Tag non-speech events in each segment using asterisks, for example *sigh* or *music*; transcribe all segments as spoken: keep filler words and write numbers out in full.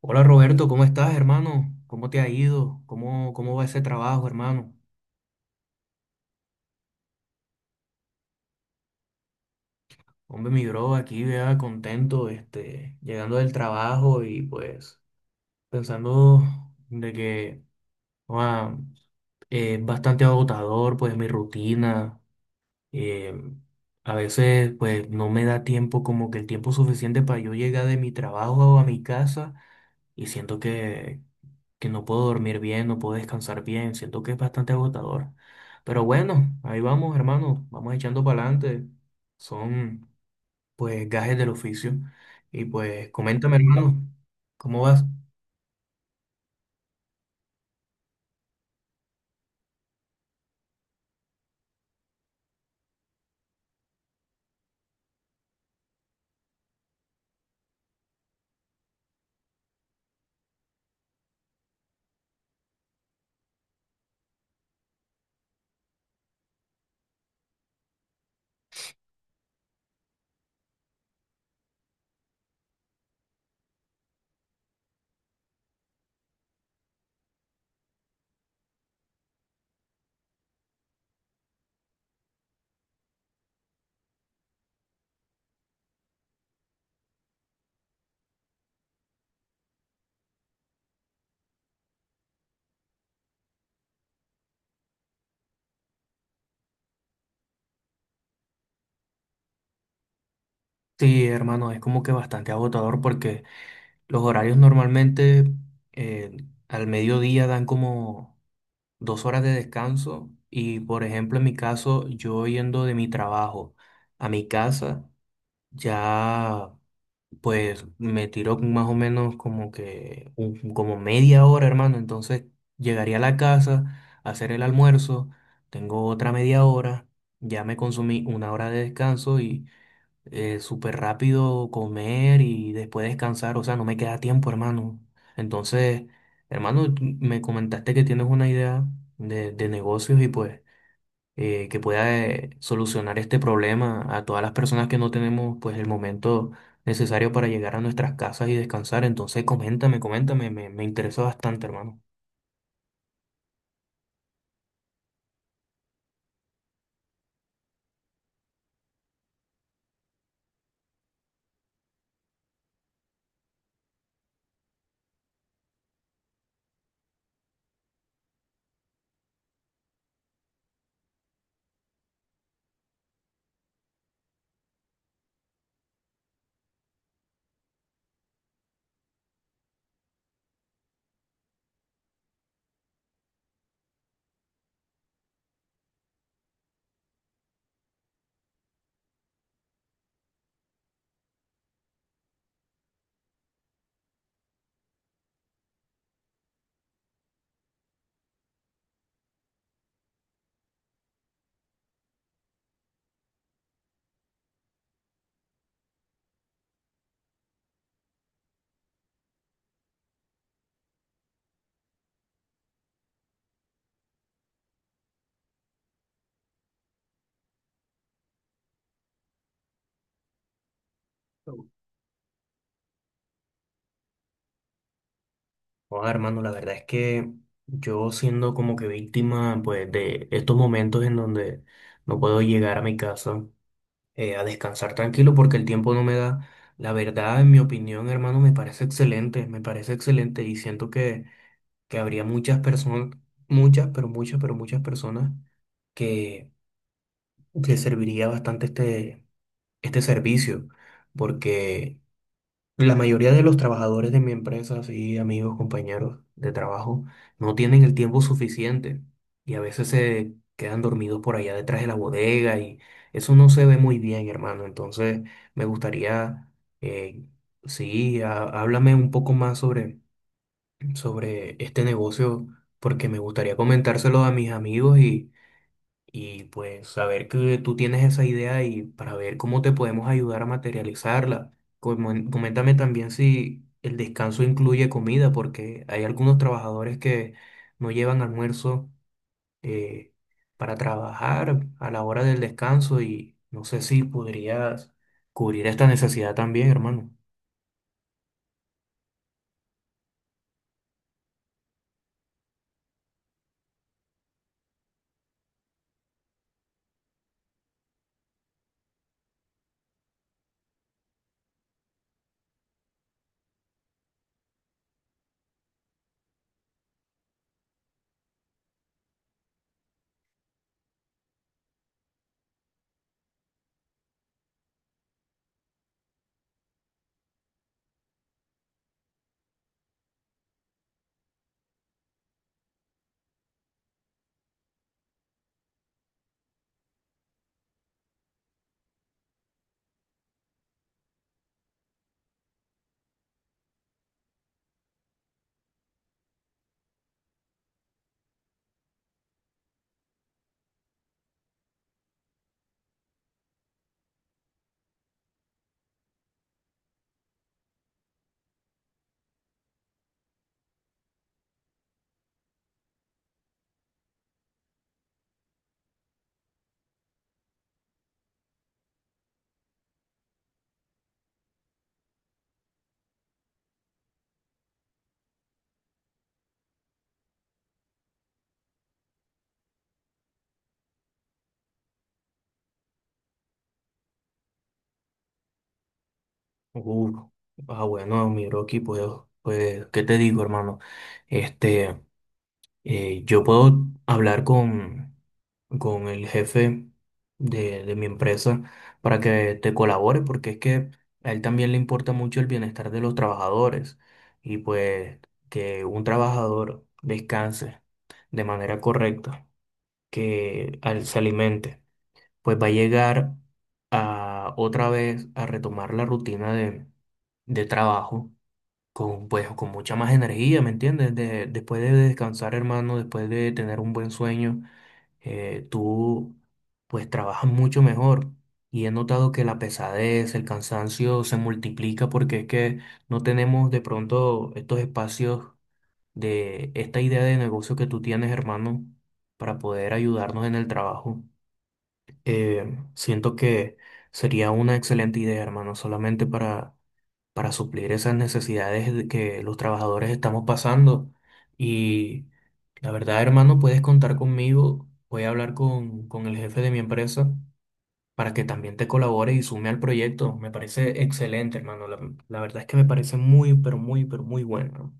Hola Roberto, ¿cómo estás, hermano? ¿Cómo te ha ido? ¿Cómo, cómo va ese trabajo, hermano? Hombre, mi bro, aquí vea contento, este, llegando del trabajo y pues pensando de que ah, eh, es bastante agotador, pues mi rutina. Eh, a veces pues no me da tiempo, como que el tiempo suficiente para yo llegar de mi trabajo a mi casa y siento que, que no puedo dormir bien, no puedo descansar bien, siento que es bastante agotador. Pero bueno, ahí vamos, hermano, vamos echando para adelante. Son pues gajes del oficio. Y pues coméntame, hermano, ¿cómo vas? Sí, hermano, es como que bastante agotador porque los horarios normalmente, eh, al mediodía dan como dos horas de descanso y por ejemplo en mi caso yo yendo de mi trabajo a mi casa ya, pues me tiró más o menos como que un- como media hora, hermano. Entonces llegaría a la casa a hacer el almuerzo. Tengo otra media hora. Ya me consumí una hora de descanso y eh, súper rápido comer y después descansar. O sea, no me queda tiempo, hermano. Entonces, hermano, tú me comentaste que tienes una idea de, de negocios y pues eh, que pueda eh, solucionar este problema a todas las personas que no tenemos pues el momento necesario para llegar a nuestras casas y descansar. Entonces, coméntame, coméntame, me, me interesa bastante, hermano. Joder, hermano, la verdad es que yo siendo como que víctima pues de estos momentos en donde no puedo llegar a mi casa eh, a descansar tranquilo porque el tiempo no me da. La verdad, en mi opinión, hermano, me parece excelente, me parece excelente y siento que que habría muchas personas, muchas, pero muchas, pero muchas personas que les serviría bastante este, este servicio, porque la mayoría de los trabajadores de mi empresa, sí, amigos, compañeros de trabajo, no tienen el tiempo suficiente y a veces se quedan dormidos por allá detrás de la bodega y eso no se ve muy bien, hermano. Entonces, me gustaría, eh, sí, há- háblame un poco más sobre sobre este negocio porque me gustaría comentárselo a mis amigos y, y pues saber que tú tienes esa idea y para ver cómo te podemos ayudar a materializarla. Comen- Coméntame también si el descanso incluye comida porque hay algunos trabajadores que no llevan almuerzo eh, para trabajar a la hora del descanso y no sé si podrías cubrir esta necesidad también, hermano. Uf, ah, bueno, mi Rocky, pues, pues, ¿qué te digo, hermano? Este, eh, yo puedo hablar con, con el jefe de, de mi empresa para que te colabore, porque es que a él también le importa mucho el bienestar de los trabajadores y pues que un trabajador descanse de manera correcta, que al- se alimente pues va a llegar a otra vez a retomar la rutina de, de trabajo con, pues, con mucha más energía, ¿me entiendes? De- después de descansar, hermano, después de tener un buen sueño, eh, tú pues trabajas mucho mejor. Y he notado que la pesadez, el cansancio se multiplica porque es que no tenemos de pronto estos espacios de esta idea de negocio que tú tienes, hermano, para poder ayudarnos en el trabajo. Eh, siento que sería una excelente idea, hermano, solamente para, para suplir esas necesidades de que los trabajadores estamos pasando. Y la verdad, hermano, puedes contar conmigo. Voy a hablar con, con el jefe de mi empresa para que también te colabore y sume al proyecto. Me parece excelente, hermano. La, la verdad es que me parece muy, pero muy, pero muy bueno. ¿No?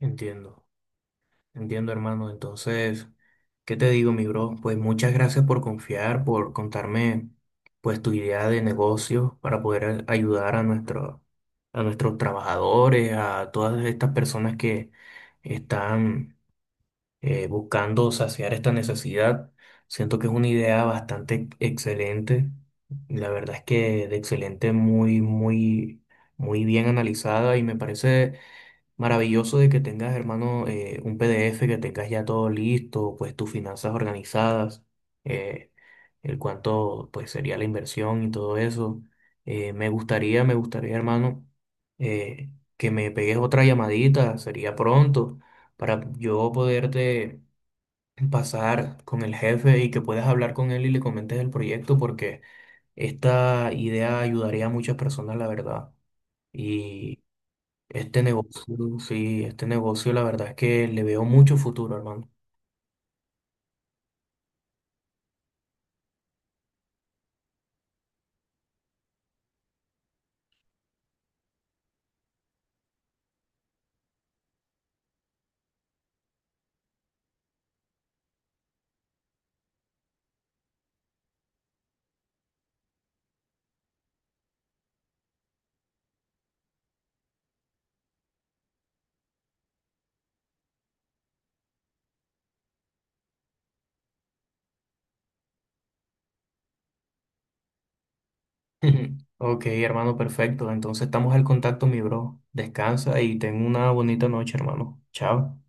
Entiendo. Entiendo, hermano. Entonces, ¿qué te digo, mi bro? Pues muchas gracias por confiar, por contarme pues tu idea de negocio para poder a- ayudar a nuestro, a nuestros trabajadores, a todas estas personas que están eh, buscando saciar esta necesidad. Siento que es una idea bastante excelente. La verdad es que de excelente, muy, muy, muy bien analizada y me parece maravilloso de que tengas, hermano, eh, un P D F, que tengas ya todo listo, pues tus finanzas organizadas, eh, el cuánto pues sería la inversión y todo eso. Eh, me gustaría, me gustaría, hermano, eh, que me pegues otra llamadita, sería pronto, para yo poderte pasar con el jefe y que puedas hablar con él y le comentes el proyecto, porque esta idea ayudaría a muchas personas, la verdad. Este negocio, sí, este negocio la verdad es que le veo mucho futuro, hermano. *laughs* Ok, hermano, perfecto. Entonces estamos al contacto, mi bro. Descansa y ten una bonita noche, hermano. Chao.